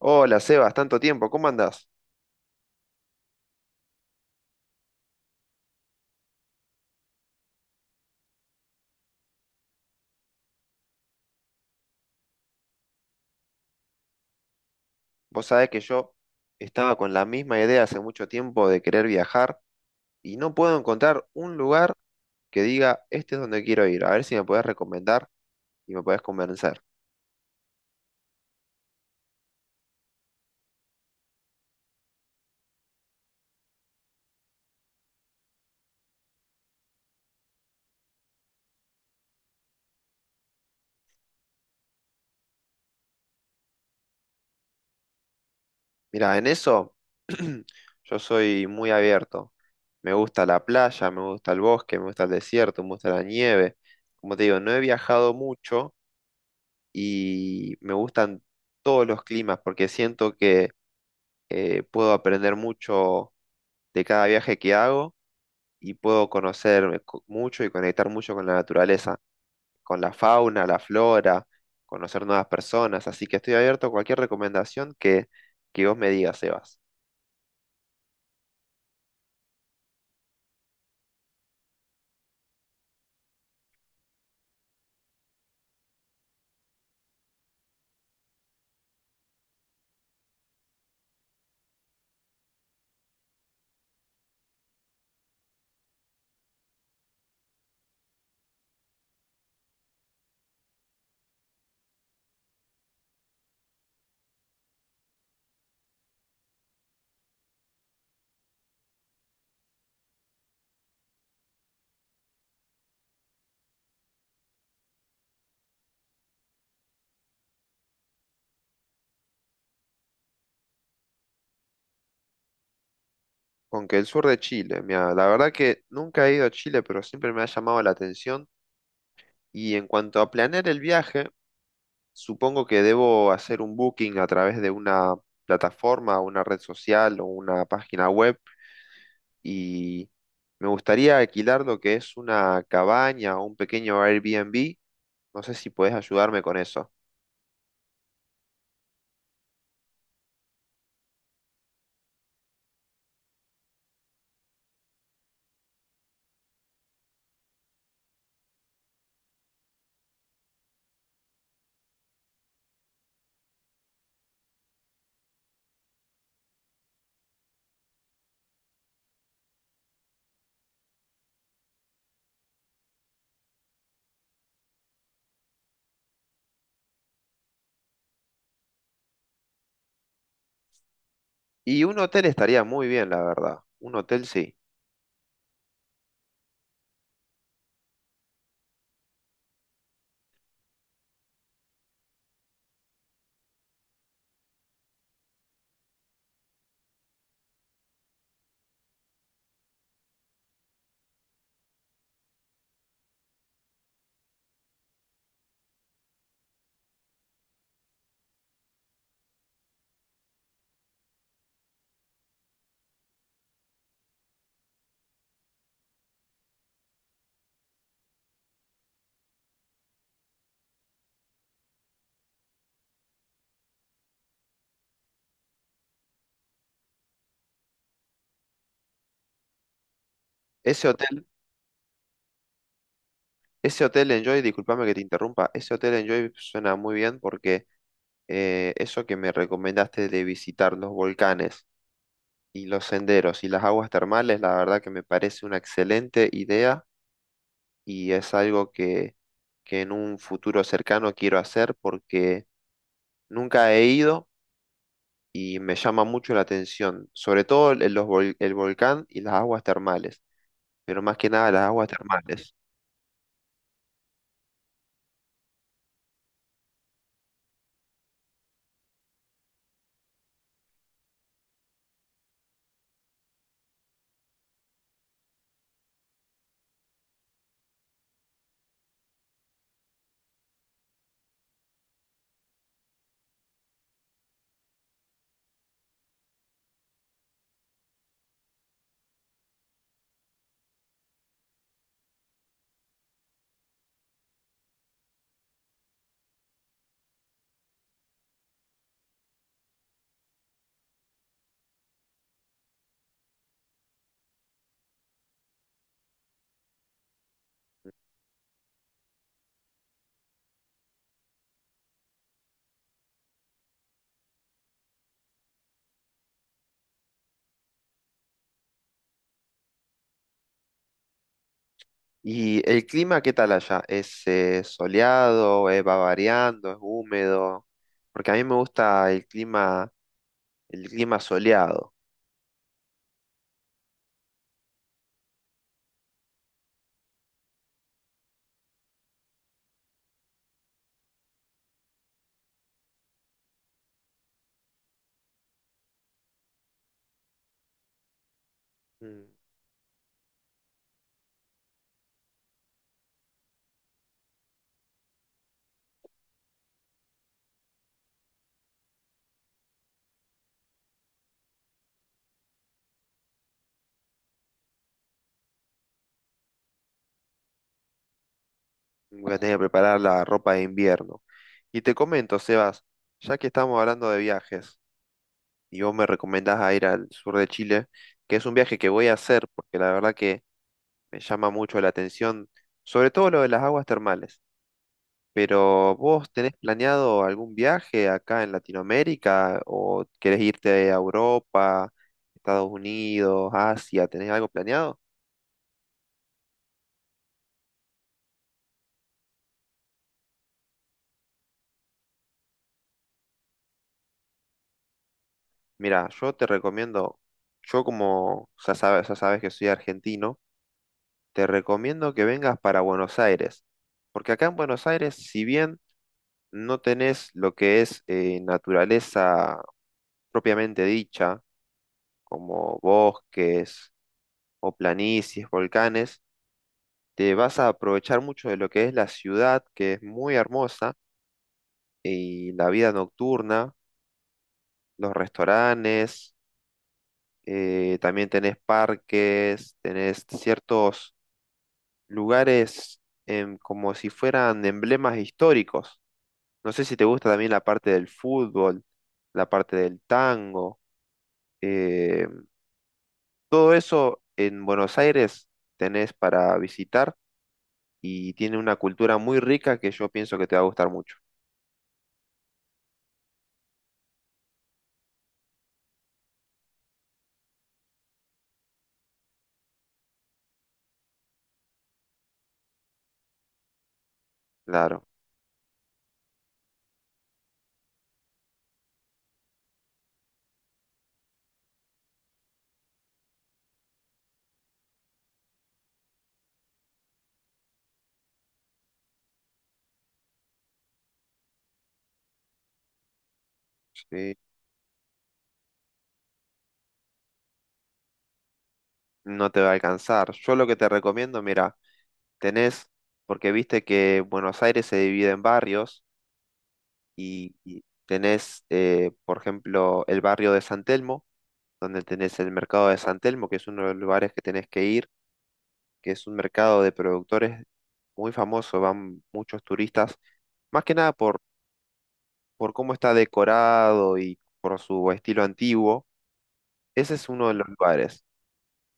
Hola Sebas, tanto tiempo, ¿cómo andás? Vos sabés que yo estaba con la misma idea hace mucho tiempo de querer viajar y no puedo encontrar un lugar que diga, este es donde quiero ir, a ver si me podés recomendar y me podés convencer. Mira, en eso yo soy muy abierto. Me gusta la playa, me gusta el bosque, me gusta el desierto, me gusta la nieve. Como te digo, no he viajado mucho y me gustan todos los climas porque siento que puedo aprender mucho de cada viaje que hago y puedo mucho y conectar mucho con la naturaleza, con la fauna, la flora, conocer nuevas personas. Así que estoy abierto a cualquier que vos me digas, Sebas. Con que el sur de Chile, mira, la verdad que nunca he ido a Chile, pero siempre me ha llamado la atención. Y en cuanto a planear el viaje, supongo que debo hacer un booking a través de una plataforma, una red social o una página web, y me gustaría alquilar lo que es una cabaña o un pequeño Airbnb. No sé si puedes ayudarme con eso. Y un hotel estaría muy bien, la verdad. Un hotel sí. Ese hotel, Ese hotel Enjoy, discúlpame que te interrumpa, ese hotel Enjoy suena muy bien porque eso que me recomendaste de visitar los volcanes y los senderos y las aguas termales, la verdad que me parece una excelente idea y es algo que en un futuro cercano quiero hacer porque nunca he ido, y me llama mucho la atención, sobre todo el volcán y las aguas termales, pero más que nada las aguas termales. ¿Y el clima qué tal allá? ¿Es soleado, va variando, es húmedo? Porque a mí me gusta el clima soleado. Mm. Voy a tener que preparar la ropa de invierno. Y te comento, Sebas, ya que estamos hablando de viajes y vos me recomendás a ir al sur de Chile, que es un viaje que voy a hacer, porque la verdad que me llama mucho la atención, sobre todo lo de las aguas termales. Pero ¿vos tenés planeado algún viaje acá en Latinoamérica o querés irte a Europa, Estados Unidos, Asia? ¿Tenés algo planeado? Mira, yo como ya sabes que soy argentino, te recomiendo que vengas para Buenos Aires. Porque acá en Buenos Aires, si bien no tenés lo que es naturaleza propiamente dicha, como bosques, o planicies, volcanes, te vas a aprovechar mucho de lo que es la ciudad, que es muy hermosa, y la vida nocturna, los restaurantes, también tenés parques, tenés ciertos lugares como si fueran emblemas históricos. No sé si te gusta también la parte del fútbol, la parte del tango, eh, todo eso en Buenos Aires tenés para visitar y tiene una cultura muy rica que yo pienso que te va a gustar mucho. Claro, sí, no te va a alcanzar. Yo lo que te recomiendo, mira, tenés, porque viste que Buenos Aires se divide en barrios y tenés, por ejemplo, el barrio de San Telmo, donde tenés el mercado de San Telmo, que es uno de los lugares que tenés que ir, que es un mercado de productores muy famoso, van muchos turistas, más que nada por cómo está decorado y por su estilo antiguo. Ese es uno de los lugares.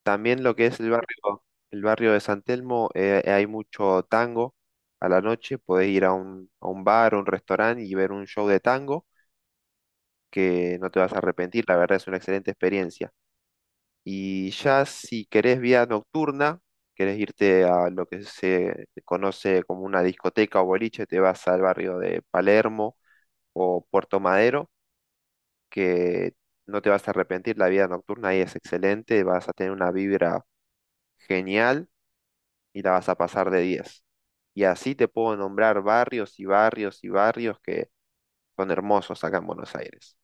También lo que es el barrio de San Telmo, hay mucho tango a la noche. Podés ir a a un bar o un restaurante y ver un show de tango que no te vas a arrepentir. La verdad es una excelente experiencia. Y ya si querés vía nocturna, querés irte a lo que se conoce como una discoteca o boliche, te vas al barrio de Palermo o Puerto Madero, que no te vas a arrepentir. La vida nocturna ahí es excelente, vas a tener una vibra genial y la vas a pasar de diez. Y así te puedo nombrar barrios y barrios y barrios que son hermosos acá en Buenos Aires.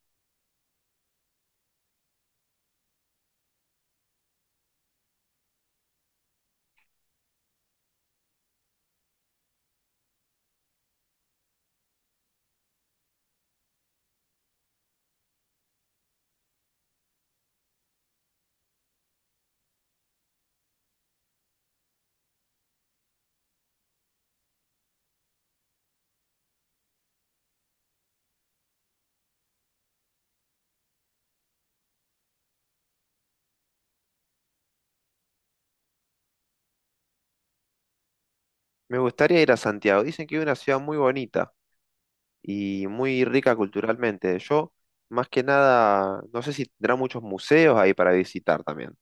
Me gustaría ir a Santiago. Dicen que es una ciudad muy bonita y muy rica culturalmente. Yo, más que nada, no sé si tendrá muchos museos ahí para visitar también.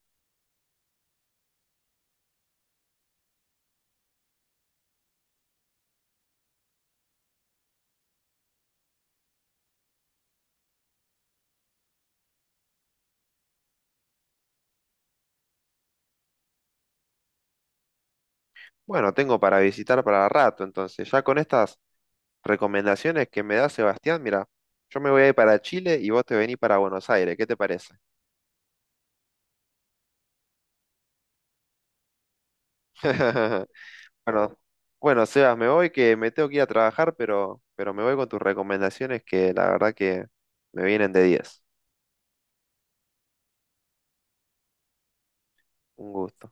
Bueno, tengo para visitar para rato, entonces ya con estas recomendaciones que me da Sebastián, mira, yo me voy a ir para Chile y vos te venís para Buenos Aires. ¿Qué te parece? Bueno, bueno, Sebas, me voy que me tengo que ir a trabajar, pero me voy con tus recomendaciones que la verdad que me vienen de diez. Un gusto.